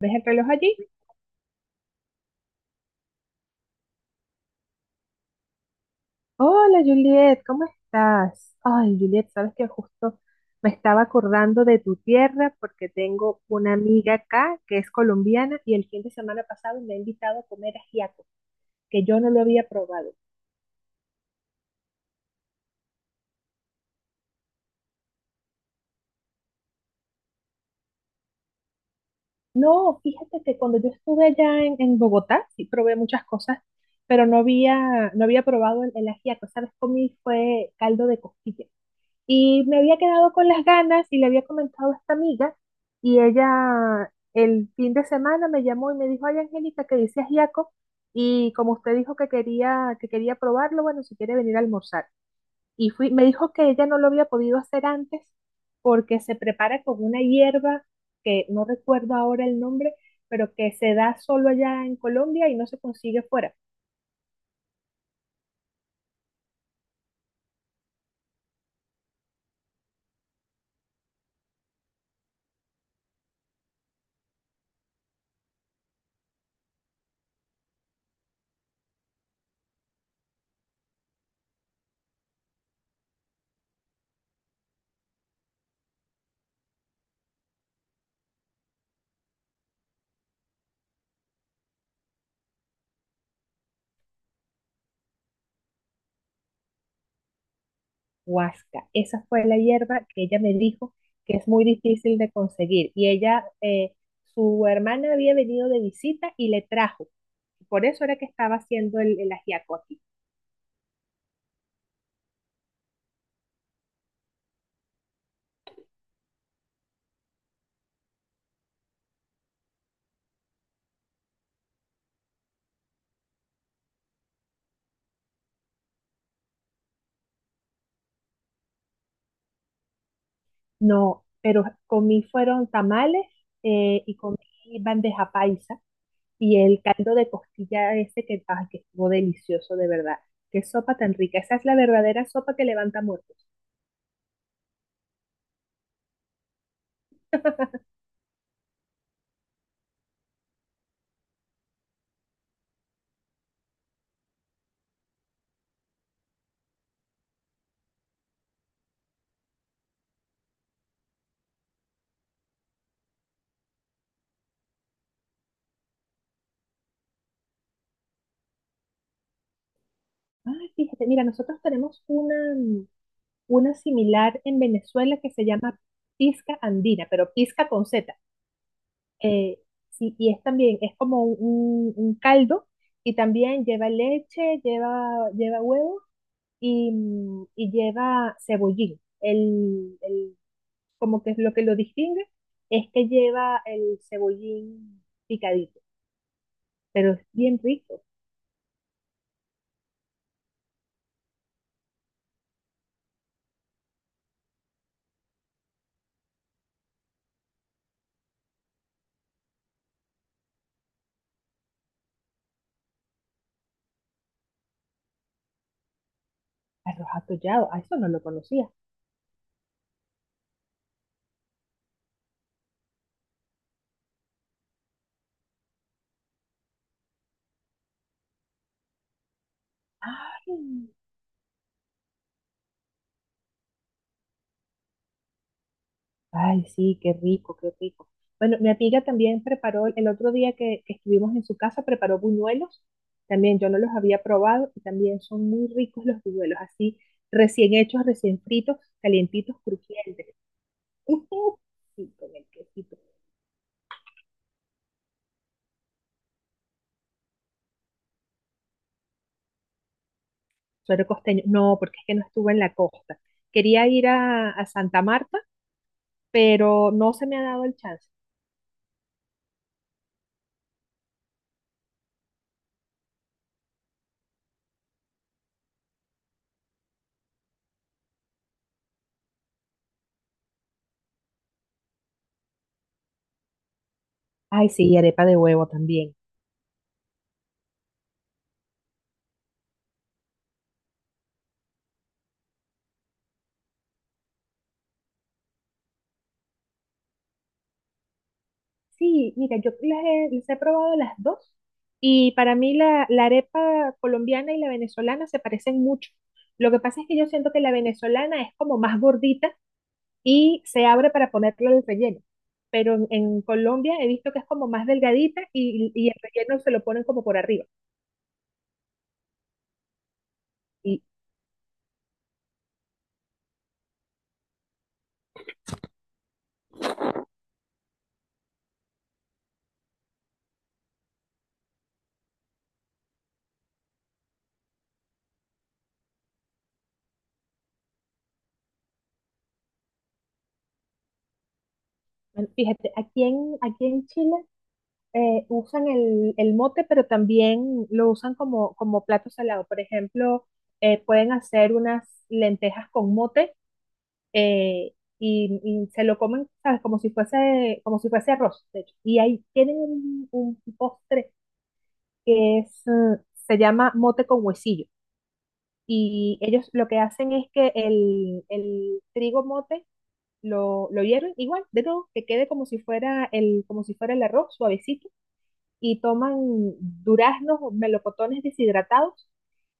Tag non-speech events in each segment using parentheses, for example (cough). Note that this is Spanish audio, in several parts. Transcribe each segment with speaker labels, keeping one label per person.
Speaker 1: ¿Ves el reloj allí? Hola Juliet, ¿cómo estás? Ay, Juliet, sabes que justo me estaba acordando de tu tierra porque tengo una amiga acá que es colombiana y el fin de semana pasado me ha invitado a comer ajiaco, que yo no lo había probado. No, fíjate que cuando yo estuve allá en Bogotá, sí probé muchas cosas, pero no había probado el ajiaco. ¿Sabes? Comí fue caldo de costilla. Y me había quedado con las ganas y le había comentado a esta amiga y ella el fin de semana me llamó y me dijo, ay Angélica, que dice ajiaco y como usted dijo que que quería probarlo, bueno, si quiere venir a almorzar. Y fui, me dijo que ella no lo había podido hacer antes porque se prepara con una hierba que no recuerdo ahora el nombre, pero que se da solo allá en Colombia y no se consigue fuera. Huasca. Esa fue la hierba que ella me dijo que es muy difícil de conseguir. Y ella, su hermana había venido de visita y le trajo. Por eso era que estaba haciendo el ajiaco aquí. No, pero comí fueron tamales y comí bandeja paisa y el caldo de costilla ese que, ay, que estuvo delicioso de verdad. Qué sopa tan rica. Esa es la verdadera sopa que levanta muertos. Ay, fíjate, mira, nosotros tenemos una, una similar en Venezuela que se llama pizca andina, pero pizca con Z. Eh, sí, y es también, es como un caldo y también lleva leche, lleva huevo y, y lleva cebollín. Como que es lo que lo distingue es que lleva el cebollín picadito, pero es bien rico. Arroz atollado, a eso no lo conocía. ¡Ay! Ay, sí, qué rico, qué rico. Bueno, mi amiga también preparó, el otro día que estuvimos en su casa, preparó buñuelos. También yo no los había probado y también son muy ricos los buñuelos, así recién hechos, recién fritos, calientitos, crujientes. (laughs) Sí, con el quesito. Suero costeño. No, porque es que no estuve en la costa. Quería ir a Santa Marta, pero no se me ha dado el chance. Ay, sí, y arepa de huevo también. Sí, mira, yo las he probado las dos y para mí la arepa colombiana y la venezolana se parecen mucho. Lo que pasa es que yo siento que la venezolana es como más gordita y se abre para ponerle el relleno, pero en Colombia he visto que es como más delgadita y el relleno se lo ponen como por arriba. Y bueno, fíjate, aquí en Chile usan el mote, pero también lo usan como, como plato salado. Por ejemplo, pueden hacer unas lentejas con mote eh, y se lo comen, ¿sabes? Como si fuese arroz, de hecho. Y ahí tienen un postre que es, se llama mote con huesillo. Y ellos lo que hacen es que el trigo mote lo hierven igual, de todo, que quede como si fuera el, como si fuera el arroz suavecito, y toman duraznos, melocotones deshidratados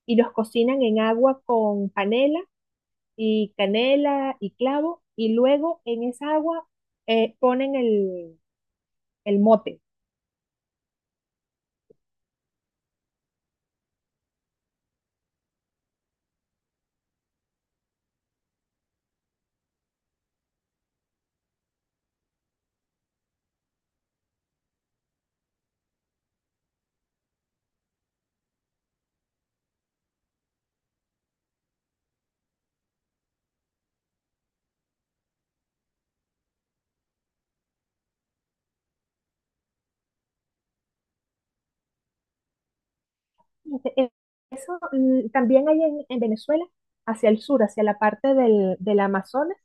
Speaker 1: y los cocinan en agua con panela y canela y clavo, y luego en esa agua ponen el mote. E- Eso también hay en Venezuela, hacia el sur, hacia la parte del Amazonas,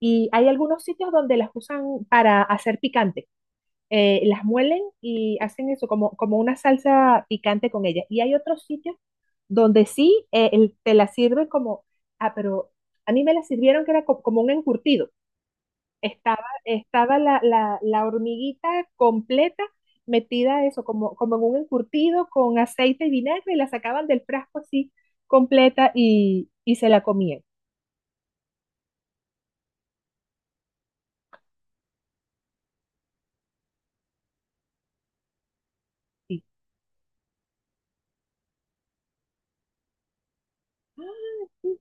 Speaker 1: y hay algunos sitios donde las usan para hacer picante. Las muelen y hacen eso como, como una salsa picante con ellas. Y hay otros sitios donde sí te la sirven como, ah, pero a mí me la sirvieron que era como un encurtido. Estaba la hormiguita completa metida eso, como, como en un encurtido con aceite y vinagre, y la sacaban del frasco así completa y se la comían. Y, ah, sí,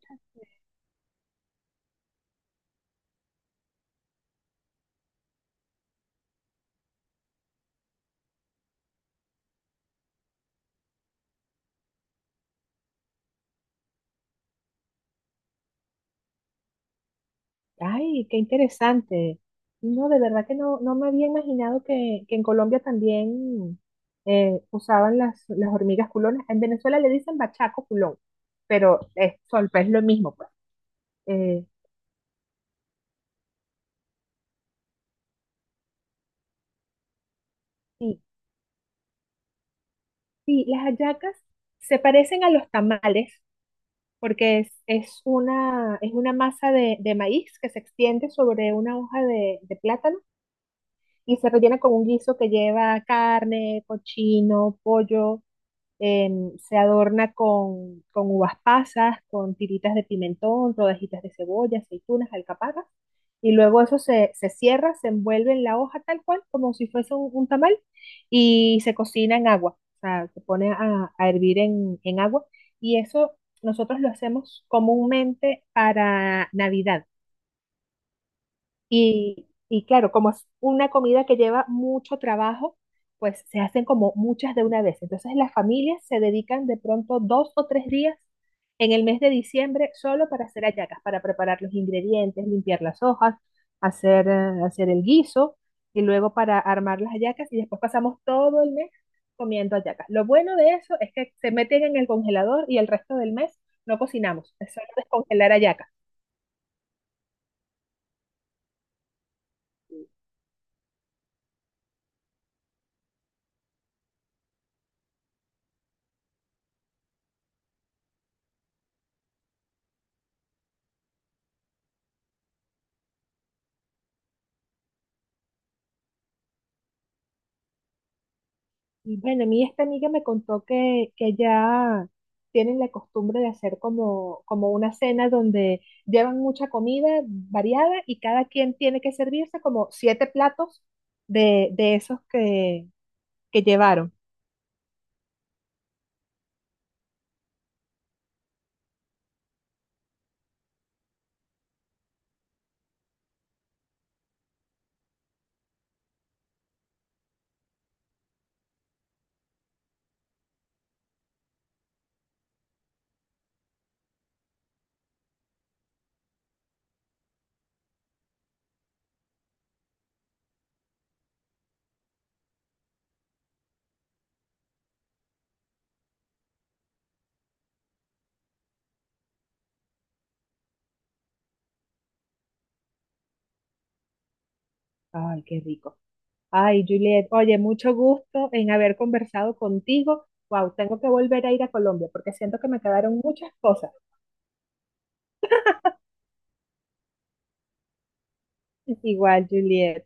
Speaker 1: ay, qué interesante. No, de verdad que no me había imaginado que en Colombia también usaban las hormigas culonas. En Venezuela le dicen bachaco culón, pero es, es lo mismo, pues. Eh, sí, Sí, las hallacas se parecen a los tamales porque es una masa de maíz que se extiende sobre una hoja de plátano y se rellena con un guiso que lleva carne, cochino, pollo em, se adorna con uvas pasas, con tiritas de pimentón, rodajitas de cebolla, aceitunas, alcaparras, y luego se cierra, se envuelve en la hoja tal cual, como si fuese un tamal, y se cocina en agua, o sea, se pone a hervir en agua, y eso nosotros lo hacemos comúnmente para Navidad. Y claro, como es una comida que lleva mucho trabajo, pues se hacen como muchas de una vez. Entonces las familias se dedican de pronto 2 o 3 días en el mes de diciembre solo para hacer hallacas, para preparar los ingredientes, limpiar las hojas, hacer, hacer el guiso y luego para armar las hallacas y después pasamos todo el mes comiendo hallacas. Lo bueno de eso es que se meten en el congelador y el resto del mes no cocinamos, es solo descongelar hallacas. Y bueno, a mí esta amiga me contó que ya tienen la costumbre de hacer como, como una cena donde llevan mucha comida variada y cada quien tiene que servirse como siete platos de esos que llevaron. Ay, qué rico. Ay, Juliet, oye, mucho gusto en haber conversado contigo. Wow, tengo que volver a ir a Colombia porque siento que me quedaron muchas cosas. (laughs) Igual, Juliet.